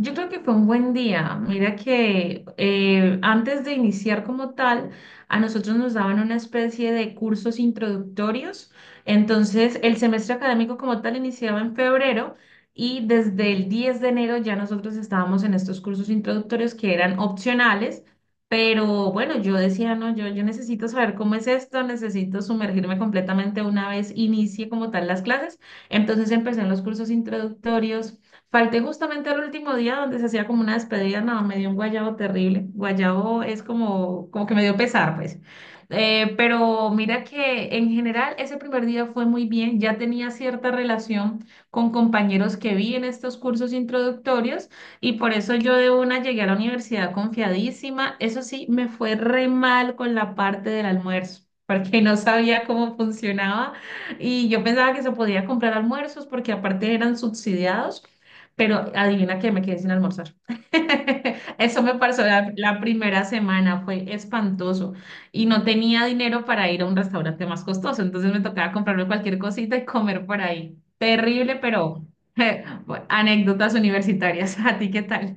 Yo creo que fue un buen día. Mira que antes de iniciar como tal, a nosotros nos daban una especie de cursos introductorios. Entonces, el semestre académico como tal iniciaba en febrero y desde el 10 de enero ya nosotros estábamos en estos cursos introductorios que eran opcionales. Pero bueno, yo decía, no, yo necesito saber cómo es esto, necesito sumergirme completamente una vez inicie como tal las clases. Entonces empecé en los cursos introductorios. Falté justamente al último día donde se hacía como una despedida, no, me dio un guayabo terrible. Guayabo es como que me dio pesar, pues. Pero mira que en general ese primer día fue muy bien, ya tenía cierta relación con compañeros que vi en estos cursos introductorios y por eso yo de una llegué a la universidad confiadísima. Eso sí, me fue re mal con la parte del almuerzo, porque no sabía cómo funcionaba y yo pensaba que se podía comprar almuerzos porque aparte eran subsidiados. Pero adivina que me quedé sin almorzar. Eso me pasó la primera semana, fue espantoso. Y no tenía dinero para ir a un restaurante más costoso, entonces me tocaba comprarme cualquier cosita y comer por ahí. Terrible, pero bueno, anécdotas universitarias. ¿A ti qué tal?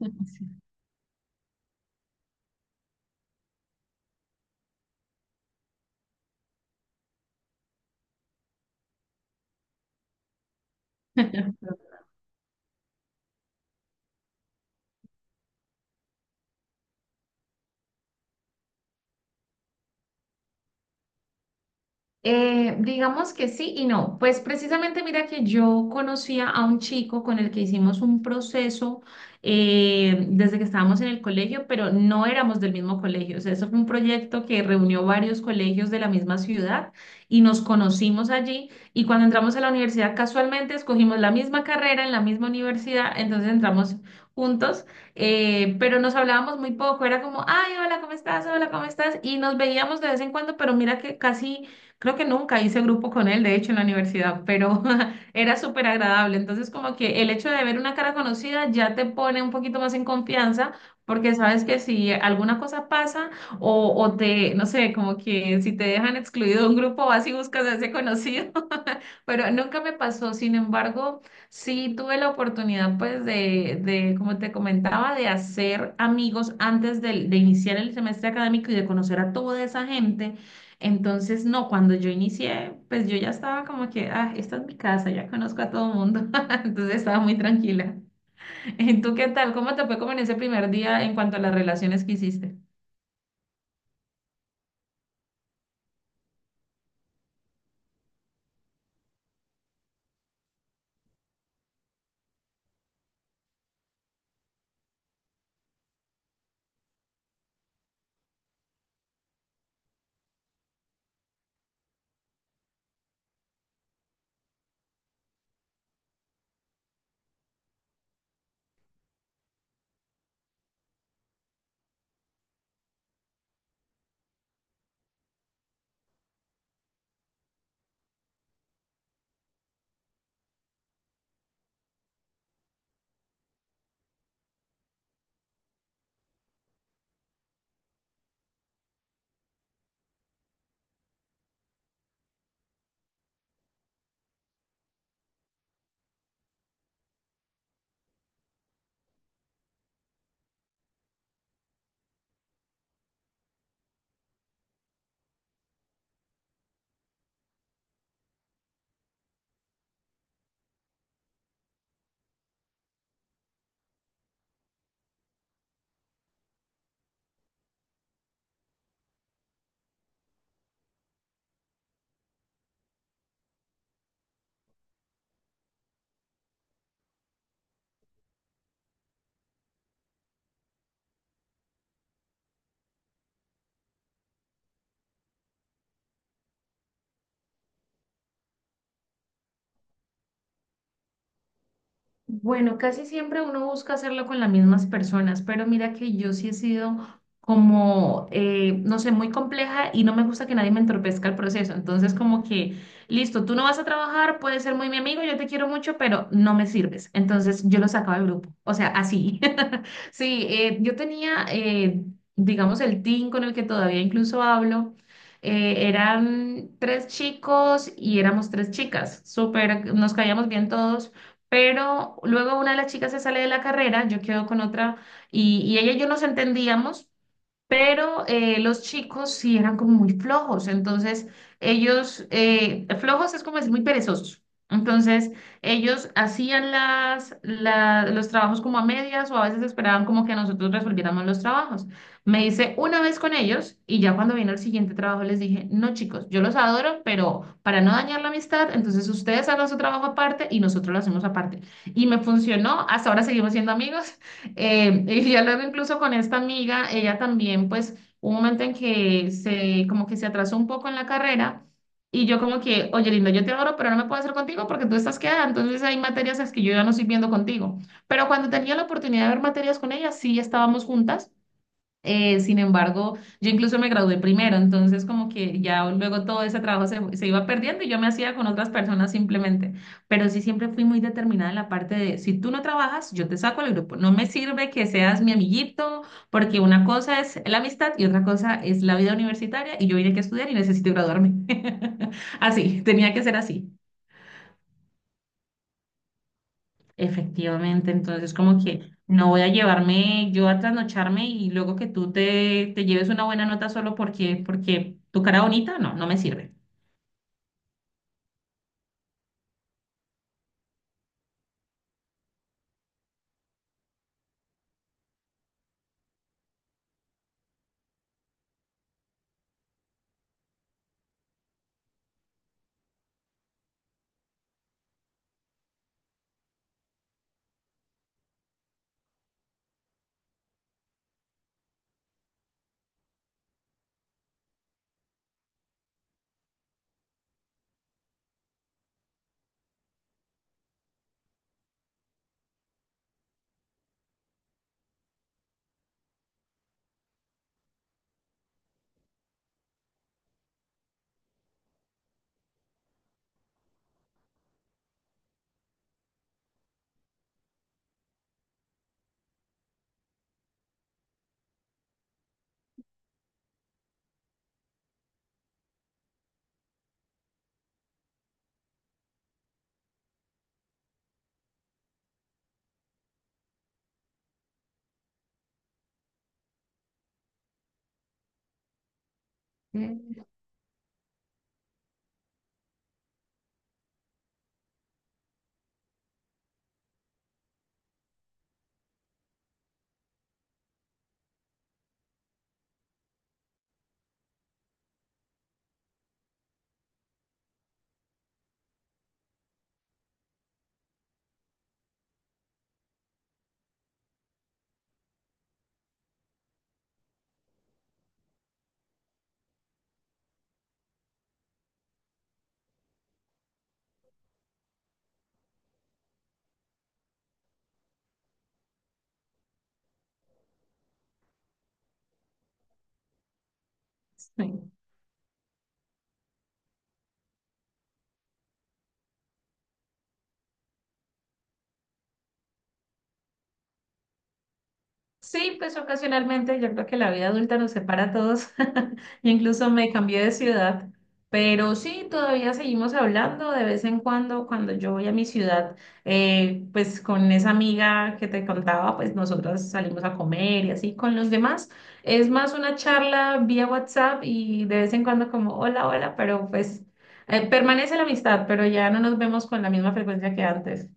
Sí. Digamos que sí y no. Pues precisamente mira que yo conocía a un chico con el que hicimos un proceso desde que estábamos en el colegio, pero no éramos del mismo colegio. O sea, eso fue un proyecto que reunió varios colegios de la misma ciudad y nos conocimos allí. Y cuando entramos a la universidad, casualmente escogimos la misma carrera en la misma universidad, entonces entramos juntos, pero nos hablábamos muy poco. Era como, ay, hola, ¿cómo estás? Hola, ¿cómo estás? Y nos veíamos de vez en cuando, pero mira que casi creo que nunca hice grupo con él, de hecho, en la universidad, pero era súper agradable. Entonces, como que el hecho de ver una cara conocida ya te pone un poquito más en confianza, porque sabes que si alguna cosa pasa o te, no sé, como que si te dejan excluido de un grupo, vas y buscas a ese conocido, pero nunca me pasó. Sin embargo, sí tuve la oportunidad, pues, de, como te comentaba, de hacer amigos de iniciar el semestre académico y de conocer a toda esa gente. Entonces, no, cuando yo inicié, pues yo ya estaba como que, ah, esta es mi casa, ya conozco a todo el mundo. Entonces estaba muy tranquila. ¿Y tú qué tal? ¿Cómo te fue como en ese primer día en cuanto a las relaciones que hiciste? Bueno, casi siempre uno busca hacerlo con las mismas personas, pero mira que yo sí he sido como, no sé, muy compleja y no me gusta que nadie me entorpezca el proceso. Entonces, como que, listo, tú no vas a trabajar, puedes ser muy mi amigo, yo te quiero mucho, pero no me sirves. Entonces, yo lo sacaba del grupo. O sea, así. Sí, yo tenía, digamos, el team con el que todavía incluso hablo. Eran tres chicos y éramos tres chicas. Súper, nos caíamos bien todos, pero luego una de las chicas se sale de la carrera, yo quedo con otra y ella y yo nos entendíamos, pero los chicos sí eran como muy flojos, entonces ellos, flojos es como decir muy perezosos, entonces ellos hacían los trabajos como a medias o a veces esperaban como que nosotros resolviéramos los trabajos. Me hice una vez con ellos y ya cuando vino el siguiente trabajo les dije, no chicos, yo los adoro, pero para no dañar la amistad, entonces ustedes hagan su trabajo aparte y nosotros lo hacemos aparte. Y me funcionó, hasta ahora seguimos siendo amigos. Y ya luego incluso con esta amiga, ella también, pues, hubo un momento en que se, como que se atrasó un poco en la carrera y yo como que, oye, lindo, yo te adoro, pero no me puedo hacer contigo porque tú estás quedada, entonces hay materias las que yo ya no estoy viendo contigo. Pero cuando tenía la oportunidad de ver materias con ella, sí estábamos juntas. Sin embargo, yo incluso me gradué primero, entonces como que ya luego todo ese trabajo se iba perdiendo y yo me hacía con otras personas simplemente. Pero sí siempre fui muy determinada en la parte de, si tú no trabajas, yo te saco del grupo. No me sirve que seas mi amiguito, porque una cosa es la amistad y otra cosa es la vida universitaria y yo vine aquí a estudiar y necesito graduarme. Así, tenía que ser así. Efectivamente, entonces como que no voy a llevarme yo a trasnocharme y luego que tú te lleves una buena nota solo porque, porque tu cara bonita, no, no me sirve. Mm, sí. Sí, pues ocasionalmente yo creo que la vida adulta nos separa a todos. Yo incluso me cambié de ciudad, pero sí, todavía seguimos hablando de vez en cuando cuando yo voy a mi ciudad, pues con esa amiga que te contaba, pues nosotras salimos a comer y así con los demás. Es más una charla vía WhatsApp y de vez en cuando como hola, hola, pero pues permanece la amistad, pero ya no nos vemos con la misma frecuencia que antes.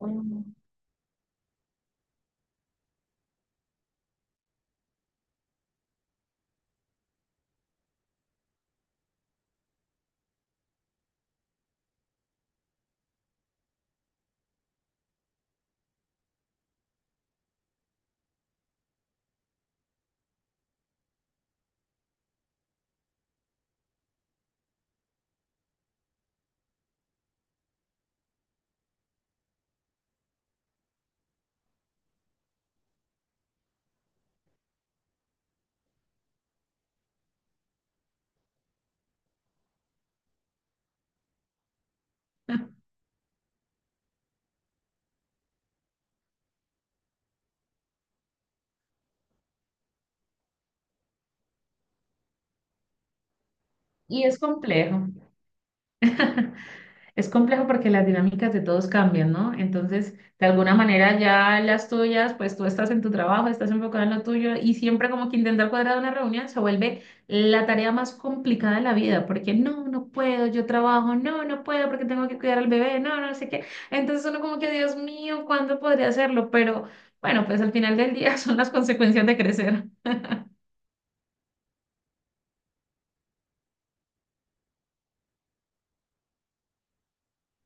Ujú. Y es complejo. Es complejo porque las dinámicas de todos cambian, ¿no? Entonces, de alguna manera ya las tuyas, pues tú estás en tu trabajo, estás enfocado en lo tuyo y siempre como que intentar cuadrar una reunión se vuelve la tarea más complicada de la vida, porque no, no puedo, yo trabajo, no, no puedo porque tengo que cuidar al bebé, no, no sé qué. Entonces uno como que, Dios mío, ¿cuándo podría hacerlo? Pero bueno, pues al final del día son las consecuencias de crecer.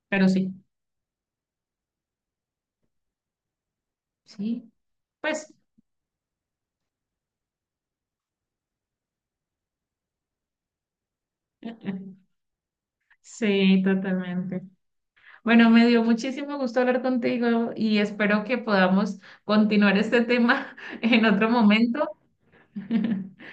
Pero sí, sí, pues sí, totalmente. Bueno, me dio muchísimo gusto hablar contigo y espero que podamos continuar este tema en otro momento.